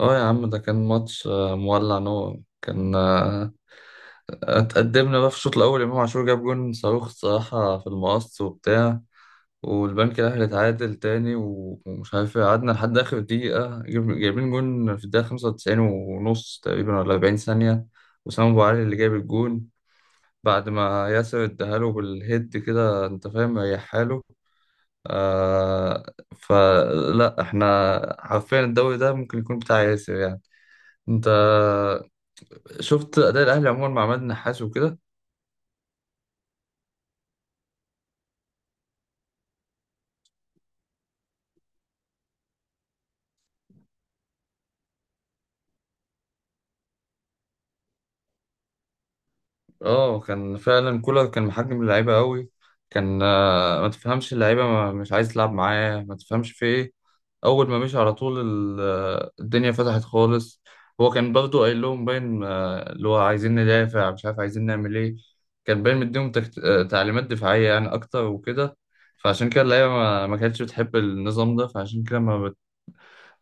اه يا عم ده كان ماتش مولع نور كان اتقدمنا بقى في الشوط الاول، امام عاشور جاب جون صاروخ الصراحه في المقص وبتاع. والبنك الاهلي اتعادل تاني و- ومش عارف ايه، قعدنا لحد اخر دقيقه جايبين جون في الدقيقه 95 ونص تقريبا ولا 40 ثانيه. وسام ابو علي اللي جاب الجون بعد ما ياسر اداهاله بالهيد كده انت فاهم، ريح حاله. آه. فلا احنا حرفيا الدوري ده ممكن يكون بتاع ياسر يعني. انت شفت اداء الاهلي عموما مع عماد النحاس وكده؟ اه كان فعلا كولر كان محجم اللعيبه قوي. كان ما تفهمش اللعيبه مش عايز تلعب معاه، ما تفهمش في ايه. اول ما مشي على طول الدنيا فتحت خالص. هو كان برضه قايل لهم باين اللي هو عايزين ندافع، مش عارف عايزين نعمل ايه. كان باين مديهم تكت... آه، تعليمات دفاعيه يعني اكتر وكده. فعشان كده اللعيبه ما كانتش بتحب النظام ده، فعشان كده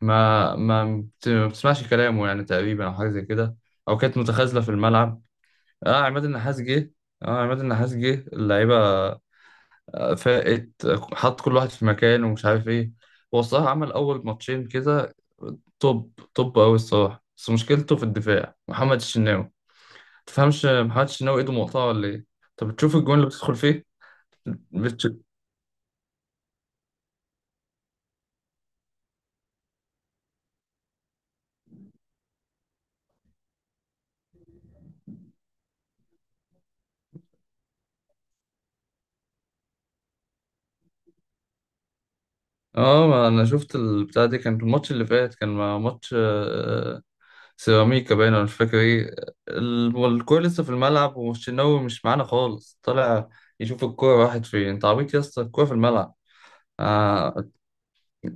ما ما ما بتسمعش كلامه يعني تقريبا، او حاجه زي كده، او كانت متخاذله في الملعب. اه عماد النحاس جه اه عماد النحاس جه اللعيبه فاقت، حط كل واحد في مكانه ومش عارف ايه. هو الصراحه عمل اول ماتشين كده توب توب قوي الصراحه، بس مشكلته في الدفاع محمد الشناوي. تفهمش محمد الشناوي ايده مقطعه ولا ايه؟ طب بتشوف الجون اللي بتدخل فيه؟ بتش... اه ما انا شفت البتاع دي، كان الماتش اللي فات كان مع ماتش سيراميكا باين، أنا مش فاكر إيه. والكورة لسه في الملعب، والشناوي مش معانا خالص، طالع يشوف الكورة راحت فين. أنت عبيط يا اسطى، الكورة في الملعب. آه.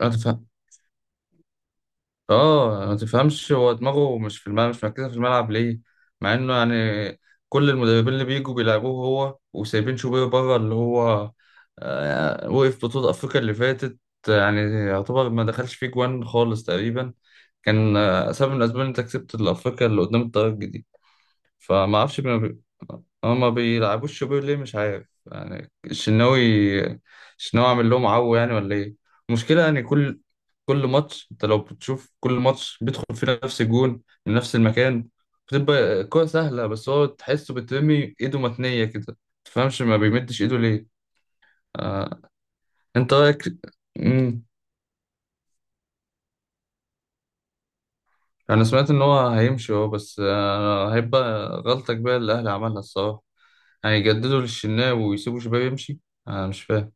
أتفهم. آه ما تفهمش، هو دماغه مش في الملعب، مش مركزة في الملعب ليه؟ مع إنه يعني كل المدربين اللي بيجوا بيلعبوه هو وسايبين شوبير بره، اللي هو آه وقف بطولة أفريقيا اللي فاتت، يعني يعتبر ما دخلش فيه جوان خالص تقريبا. كان سبب من الأسباب إن أنت كسبت الأفريقيا اللي قدام الترجي دي. فما اعرفش بي... ما بيلعبوش شوبير ليه مش عارف يعني. الشناوي، الشناوي عامل لهم عو يعني ولا ايه؟ المشكله يعني كل ماتش، انت لو بتشوف، كل ماتش بيدخل في نفس الجون من نفس المكان. بتبقى كرة سهلة، بس هو تحسه بترمي ايده متنية كده، متفهمش ما بيمدش ايده ليه. آه. انت رايك؟ مم. انا سمعت ان هو هيمشي هو، بس هيبقى غلطة كبيرة اللي الاهلي عملها الصراحة. هيجددوا للشناوي ويسيبوا شباب يمشي، انا مش فاهم.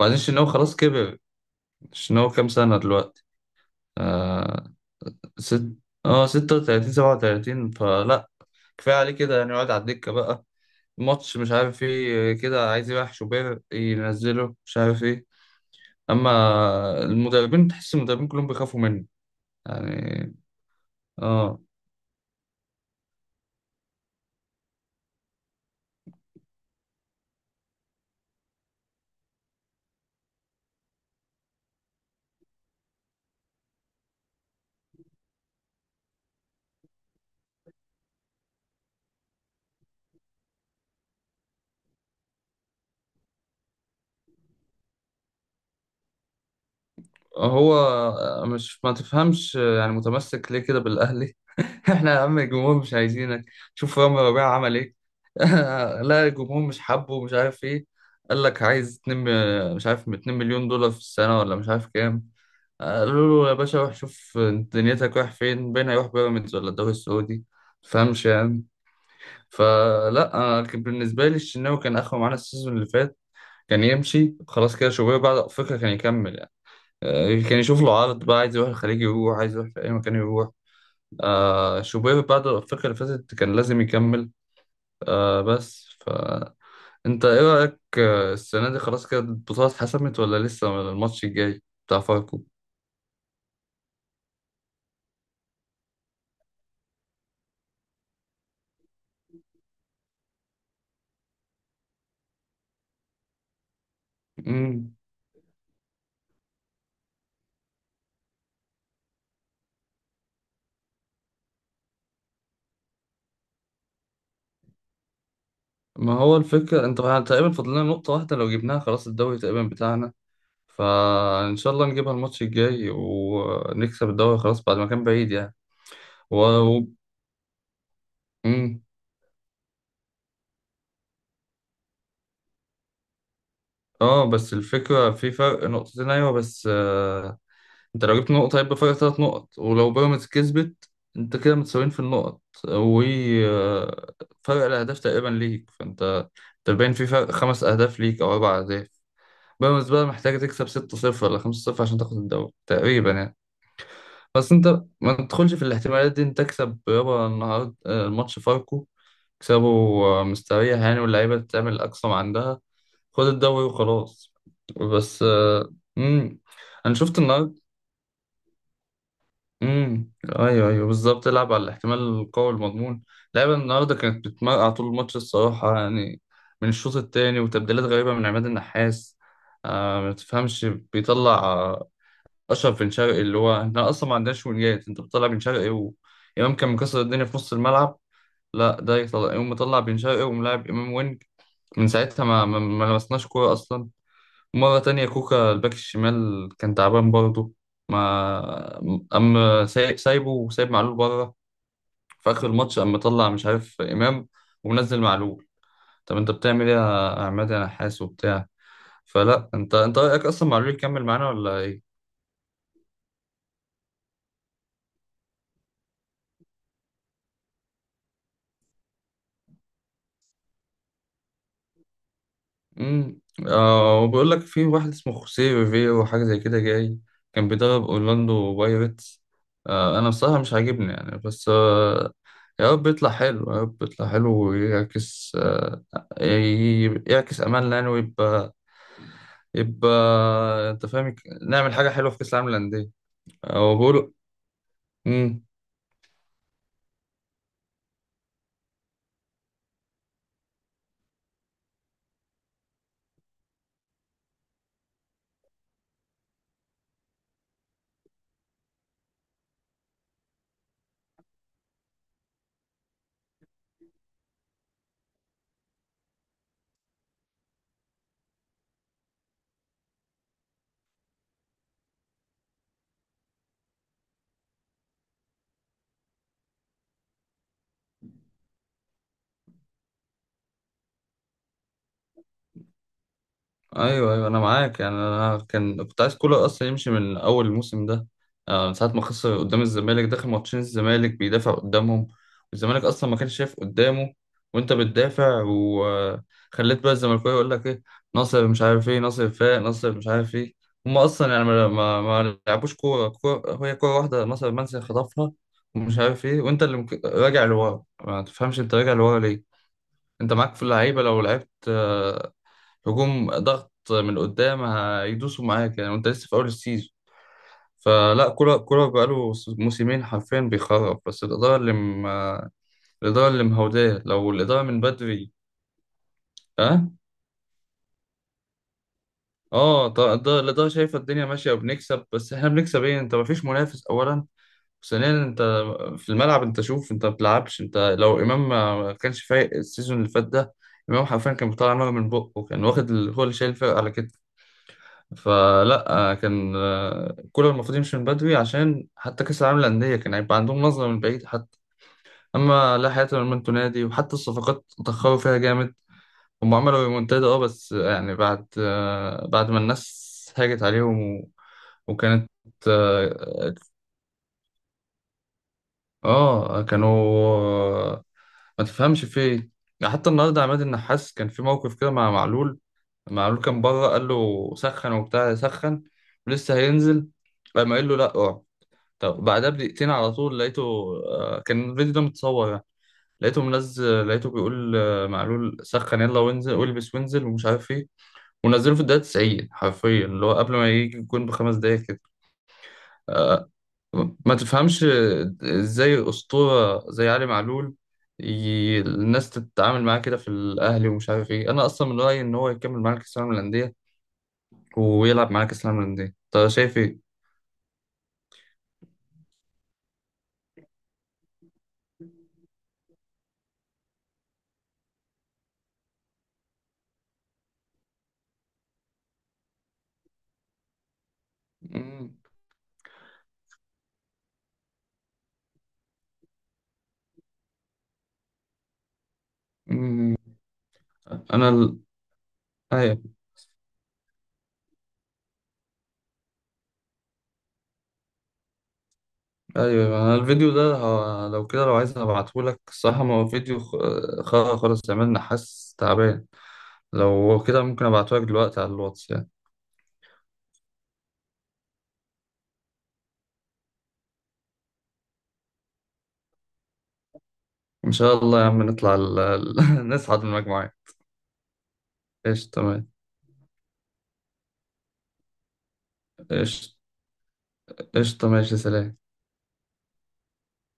وبعدين الشناوي خلاص كبر. الشناوي كام سنة دلوقتي؟ آه. ست. اه ستة وتلاتين، سبعة وتلاتين، فلا كفاية عليه كده يعني، يقعد على الدكة بقى. ماتش مش عارف ايه كده عايز يريح شوبير ينزله مش عارف ايه. اما المدربين، تحس المدربين كلهم بيخافوا منه يعني. اه هو مش ما تفهمش يعني متمسك ليه كده بالأهلي؟ احنا يا عم الجمهور مش عايزينك. شوف رامي ربيعة عمل ايه. لا الجمهور مش حابه مش عارف ايه. قال لك عايز 2، مش عارف 2 مليون دولار في السنة ولا مش عارف كام. قالوا له يا باشا روح شوف دنيتك رايح فين، بين هيروح بيراميدز ولا الدوري السعودي، تفهمش يعني. فلا أنا كان بالنسبة لي الشناوي كان آخره معانا السيزون اللي فات، كان يمشي خلاص كده، شوبير بعد أفريقيا كان يكمل يعني. كان يشوف له عرض بقى، عايز يروح الخليج يروح، عايز يروح في أي مكان يروح. آه شوبير بعد الأفريقيا اللي فاتت كان لازم يكمل، آه بس. فأنت إيه رأيك السنة دي خلاص كده البطولة اتحسمت ولا لسه الماتش الجاي بتاع فاركو؟ مم. ما هو الفكرة أنت تقريبا فاضل لنا نقطة واحدة، لو جبناها خلاص الدوري تقريبا بتاعنا. فإن شاء الله نجيبها الماتش الجاي ونكسب الدوري خلاص، بعد ما كان بعيد يعني. و... و... مم. اه بس الفكرة في فرق نقطتين، أيوة، بس انت لو جبت نقطة هيبقى فرق تلات نقط، ولو بيراميدز كسبت انت كده متساويين في النقط، و آه، فرق الأهداف تقريبا ليك، فانت انت باين في فرق خمس أهداف ليك أو أربع أهداف. بيراميدز بقى محتاجة تكسب ستة صفر ولا خمسة صفر عشان تاخد الدوري تقريبا يعني. بس انت ما تدخلش في الاحتمالات دي، انت تكسب يابا النهاردة الماتش فاركو، تكسبه مستريح يعني، واللعيبة تعمل أقصى ما عندها، خد الدوري وخلاص. بس مم. انا شفت النهارده. امم. ايوه ايوه بالظبط، العب على الاحتمال القوي المضمون. اللعيبه النهارده كانت بتمرقع طول الماتش الصراحه يعني، من الشوط الثاني، وتبديلات غريبه من عماد النحاس. آه ما تفهمش، بيطلع اشرف بن شرقي اللي هو احنا اصلا ما عندناش وينجات، انت بتطلع بن شرقي وامام كان مكسر الدنيا في نص الملعب. لا ده يطلع يقوم مطلع بن شرقي وملاعب امام وينج. من ساعتها ما لمسناش كوره اصلا. مرة تانية كوكا الباك الشمال كان تعبان برضه، ما أما سايبه وسايب معلول بره. في آخر الماتش أما طلع مش عارف إمام ومنزل معلول. طب أنت بتعمل إيه يا عماد يا نحاس وبتاع؟ فلا أنت رأيك أصلا معلول يكمل معانا ولا إيه؟ امم. آه وبيقول لك في واحد اسمه خوسيه ريفيرو حاجه زي كده جاي، كان بيدرب اورلاندو بايرتس. آه انا بصراحه مش عاجبني يعني، بس آه يا رب يطلع حلو، يا رب يطلع حلو ويعكس آه يعكس املنا يعني، ويبقى يبقى انت فاهم، نعمل حاجه حلوه في كاس العالم للانديه. آه وبيقولوا. ايوه ايوه انا معاك يعني، انا كنت عايز كولر اصلا يمشي من اول الموسم ده، من ساعه ما خسر قدام الزمالك، داخل ماتشين الزمالك بيدافع قدامهم، والزمالك اصلا ما كانش شايف قدامه. وانت بتدافع وخليت بقى الزملكاويه يقول لك ايه، ناصر مش عارف ايه، ناصر فاق، ناصر مش عارف ايه. هم اصلا يعني ما لعبوش كوره، هي كوره واحده ناصر منسي خطفها ومش عارف ايه. وانت اللي راجع لورا، ما تفهمش انت راجع لورا ليه؟ انت معاك في اللعيبه لو لعبت هجوم ضغط من قدام هيدوسوا معاك يعني، وانت لسه في اول السيزون. فلا كولر، كولر بقاله موسمين حرفيا بيخرب، بس الإدارة اللي مهوداه. لو الإدارة من بدري. اه. اه طبعا الإدارة، الإدارة شايفة الدنيا ماشية وبنكسب، بس احنا بنكسب ايه؟ انت مفيش منافس أولا، ثانيا انت في الملعب انت شوف، انت ما بتلعبش انت. لو إمام ما كانش فايق السيزون اللي فات ده، إمام حرفيا كان بيطلع نار من بقه، كان واخد هو اللي شايل الفرقة على كده. فلا كان كولر المفروض يمشي من بدري، عشان حتى كأس العالم للأندية كان هيبقى عندهم نظرة من بعيد حتى. أما لا حياة لمن انتوا نادي، وحتى الصفقات اتأخروا فيها جامد. هم عملوا ريمونتادا اه، بس يعني بعد بعد ما الناس هاجت عليهم وكانت اه كانوا آه، ما تفهمش في ايه. يعني حتى النهارده عماد النحاس كان في موقف كده مع معلول. معلول كان بره، قال له سخن وبتاع سخن، ولسه هينزل. قام قال له لا اقعد. طب بعدها بدقيقتين على طول لقيته، كان الفيديو ده متصور يعني، لقيته منزل، لقيته بيقول معلول سخن يلا وانزل والبس وانزل ومش عارف ايه. ونزله في الدقيقة 90 حرفيا، اللي هو قبل ما يجي الجون بخمس دقايق كده. آه، ما تفهمش ازاي أسطورة زي علي معلول الناس تتعامل معاه كده في الأهلي ومش عارف ايه. أنا أصلا من رأيي إن هو يكمل معانا كأس العالم للأندية، ويلعب معانا كأس العالم للأندية. أنت شايف ايه؟ مم. مم. أنا ال... أيوة. ايوه انا الفيديو ده لو كده لو عايز هبعتهولك الصراحه، ما هو فيديو خالص، عملنا حاسس تعبان. لو كده ممكن ابعتهولك دلوقتي على الواتس يعني. ان شاء الله يا عم نطلع نصعد من المجموعه. ايش تمام. ايش ايش ماشي، سلام.